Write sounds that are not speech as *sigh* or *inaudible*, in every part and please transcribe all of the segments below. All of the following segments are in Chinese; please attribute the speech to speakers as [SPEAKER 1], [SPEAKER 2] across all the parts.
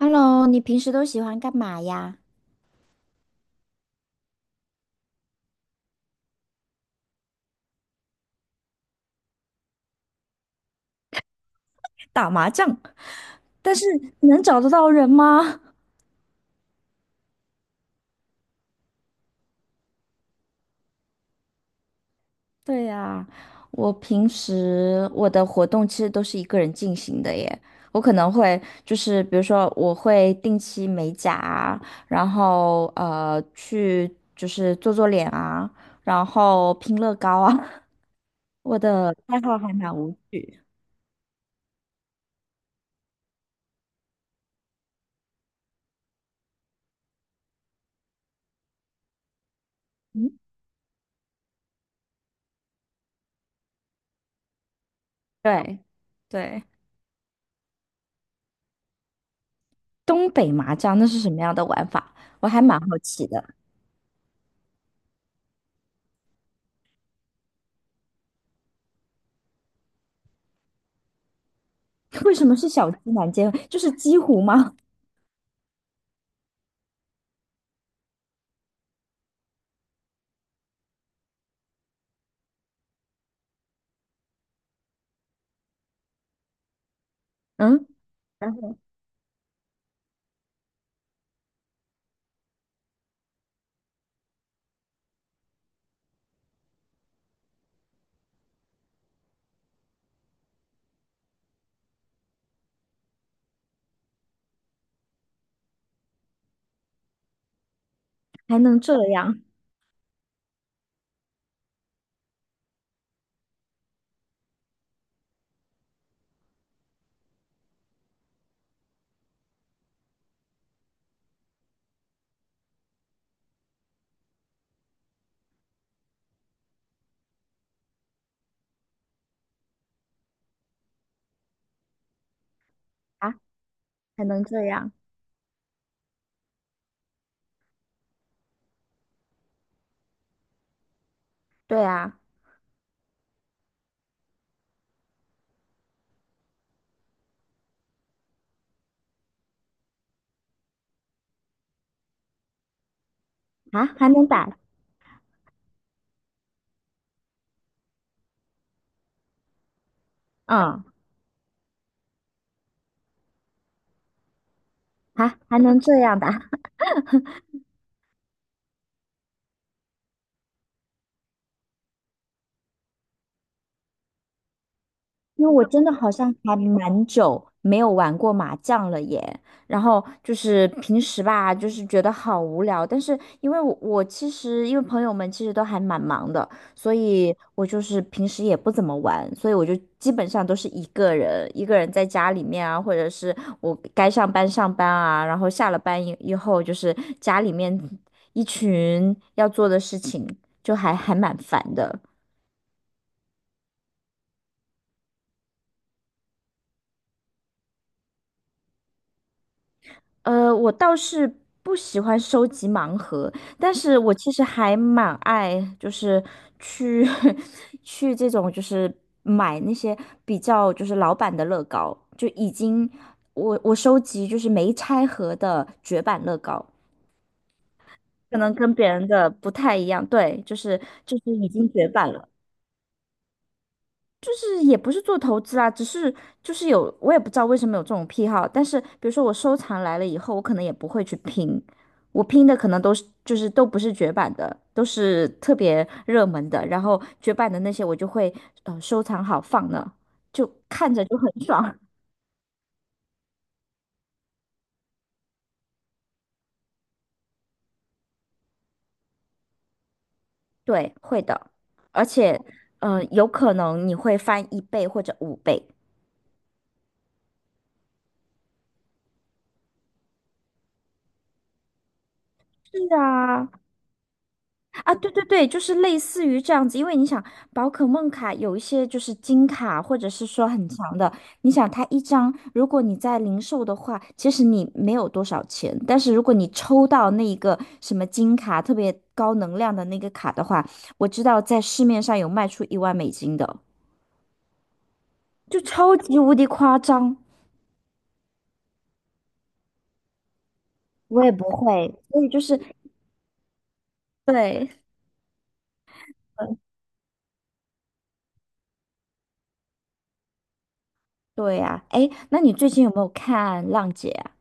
[SPEAKER 1] Hello，你平时都喜欢干嘛呀？打麻将，但是能找得到人吗？*laughs* 对呀，我平时我的活动其实都是一个人进行的耶。我可能会就是比如说我会定期美甲啊，然后去就是做做脸啊，然后拼乐高啊。*laughs* 我的爱好还蛮无趣。嗯，对对，东北麻将那是什么样的玩法？我还蛮好奇的。*laughs* 为什么是小鸡南煎？就是鸡糊吗？嗯 *laughs*，然后还能这样啊？还能这样？对啊，啊，还能打，嗯，啊，还能这样打。因为我真的好像还蛮久没有玩过麻将了耶，然后就是平时吧，就是觉得好无聊，但是因为我其实因为朋友们其实都还蛮忙的，所以我就是平时也不怎么玩，所以我就基本上都是一个人，一个人在家里面啊，或者是我该上班上班啊，然后下了班以后就是家里面一群要做的事情，就还蛮烦的。呃，我倒是不喜欢收集盲盒，但是我其实还蛮爱，就是去 *laughs* 去这种，就是买那些比较就是老版的乐高，就已经我收集就是没拆盒的绝版乐高，可能跟别人的不太一样，对，就是已经绝版了。就是也不是做投资啦，只是就是有，我也不知道为什么有这种癖好。但是比如说我收藏来了以后，我可能也不会去拼，我拼的可能都是就是都不是绝版的，都是特别热门的。然后绝版的那些我就会收藏好放那，就看着就很爽。*laughs* 对，会的，而且有可能你会翻一倍或者五倍。是啊，啊，对对对，就是类似于这样子，因为你想，宝可梦卡有一些就是金卡，或者是说很强的，你想它一张，如果你在零售的话，其实你没有多少钱，但是如果你抽到那一个什么金卡，特别高能量的那个卡的话，我知道在市面上有卖出一万美金的，就超级无敌夸张。我也不会，所以就是对，对呀，哎，那你最近有没有看《浪姐》啊？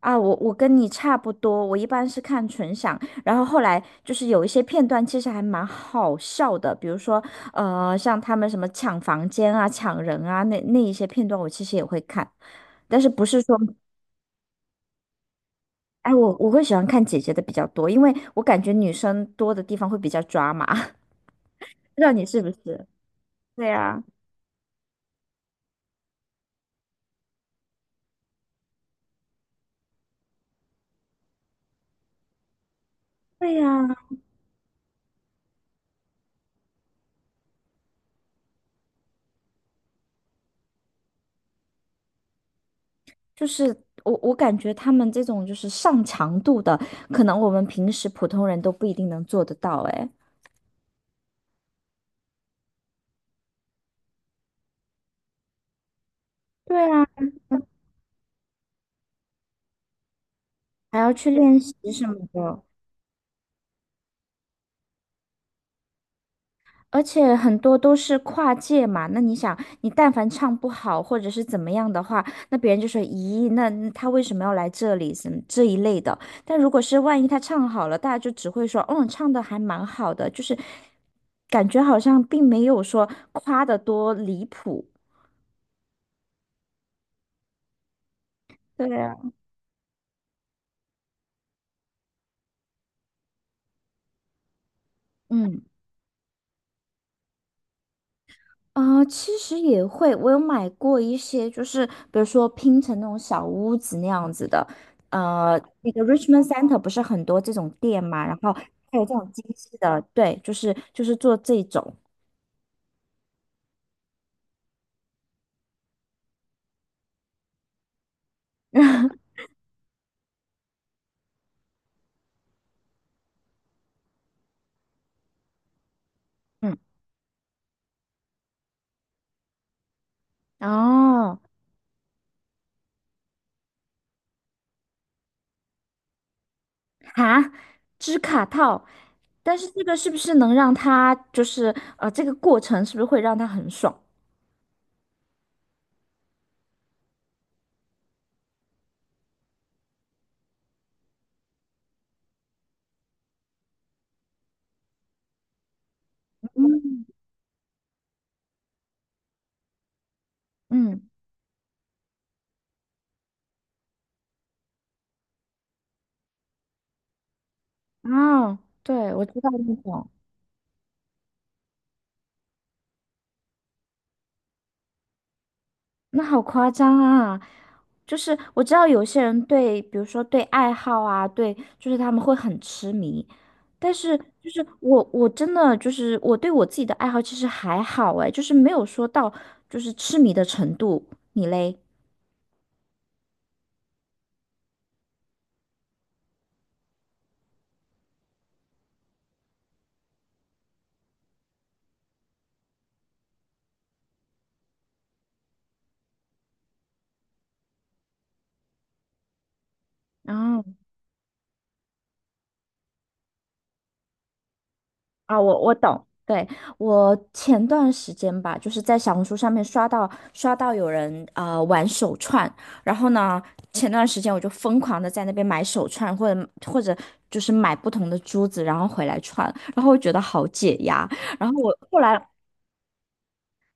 [SPEAKER 1] 啊，我跟你差不多，我一般是看纯享，然后后来就是有一些片段其实还蛮好笑的，比如说像他们什么抢房间啊、抢人啊，那一些片段我其实也会看，但是不是说，哎，我会喜欢看姐姐的比较多，因为我感觉女生多的地方会比较抓马，*laughs* 不知道你是不是？对呀，对呀，就是我感觉他们这种就是上强度的，可能我们平时普通人都不一定能做得到，哎。对啊，还要去练习什么的，而且很多都是跨界嘛。那你想，你但凡唱不好或者是怎么样的话，那别人就说：“咦，那他为什么要来这里？”什么这一类的。但如果是万一他唱好了，大家就只会说：“嗯，唱的还蛮好的。”就是感觉好像并没有说夸的多离谱。对啊，嗯。啊、其实也会，我有买过一些，就是比如说拼成那种小屋子那样子的，呃，那个 Richmond Center 不是很多这种店嘛，然后还有这种精细的，对，就是做这种，*laughs* 嗯，哦，哈，织卡套，但是这个是不是能让它就是这个过程是不是会让它很爽？嗯，哦，对，我知道那种，那好夸张啊！就是我知道有些人对，比如说对爱好啊，对，就是他们会很痴迷。但是就是我，我真的就是我对我自己的爱好其实还好哎，就是没有说到就是痴迷的程度。你嘞？然后。啊，我懂，对，我前段时间吧，就是在小红书上面刷到有人玩手串，然后呢，前段时间我就疯狂的在那边买手串，或者就是买不同的珠子，然后回来串，然后我觉得好解压，然后我后来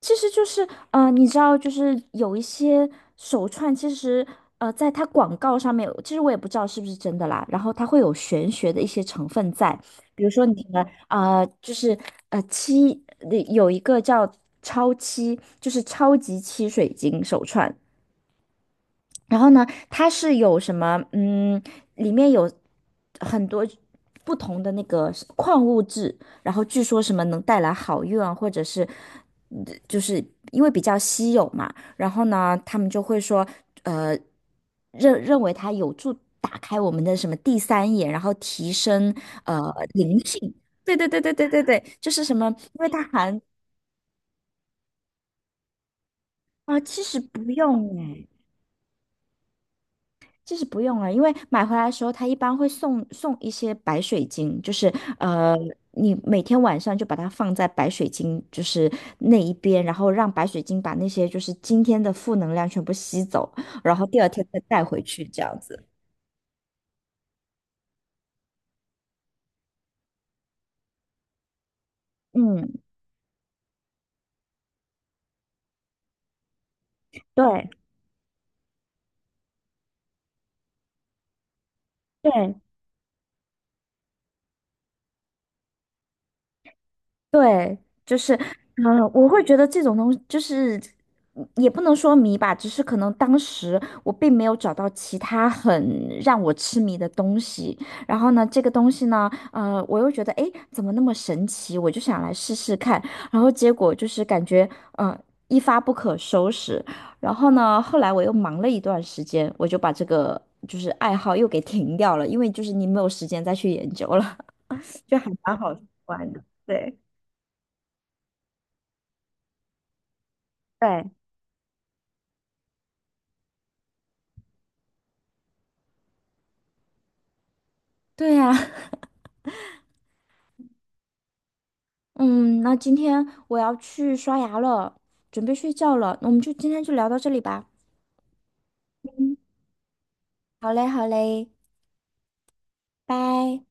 [SPEAKER 1] 其实就是，呃，你知道，就是有一些手串，其实，呃，在它广告上面，其实我也不知道是不是真的啦。然后它会有玄学的一些成分在，比如说你的，呃，就是呃七，有一个叫超七，就是超级七水晶手串，然后呢，它是有什么？嗯，里面有很多不同的那个是矿物质，然后据说什么能带来好运啊，或者是就是因为比较稀有嘛，然后呢，他们就会说，呃，认为它有助打开我们的什么第三眼，然后提升灵性。对对对对对对对，就是什么，因为它含啊，其实不用哎。就是不用了，因为买回来的时候，它一般会送一些白水晶，就是呃，你每天晚上就把它放在白水晶就是那一边，然后让白水晶把那些就是今天的负能量全部吸走，然后第二天再带回去这样子。嗯，对对，对，就是，我会觉得这种东西就是，也不能说迷吧，只是可能当时我并没有找到其他很让我痴迷的东西。然后呢，这个东西呢，呃，我又觉得，诶，怎么那么神奇？我就想来试试看。然后结果就是感觉，呃，一发不可收拾。然后呢，后来我又忙了一段时间，我就把这个就是爱好又给停掉了，因为就是你没有时间再去研究了，*laughs* 就还蛮好玩的，对。对。对呀，*laughs* 嗯，那今天我要去刷牙了，准备睡觉了，我们就今天就聊到这里吧。嗯，好嘞，好嘞，拜。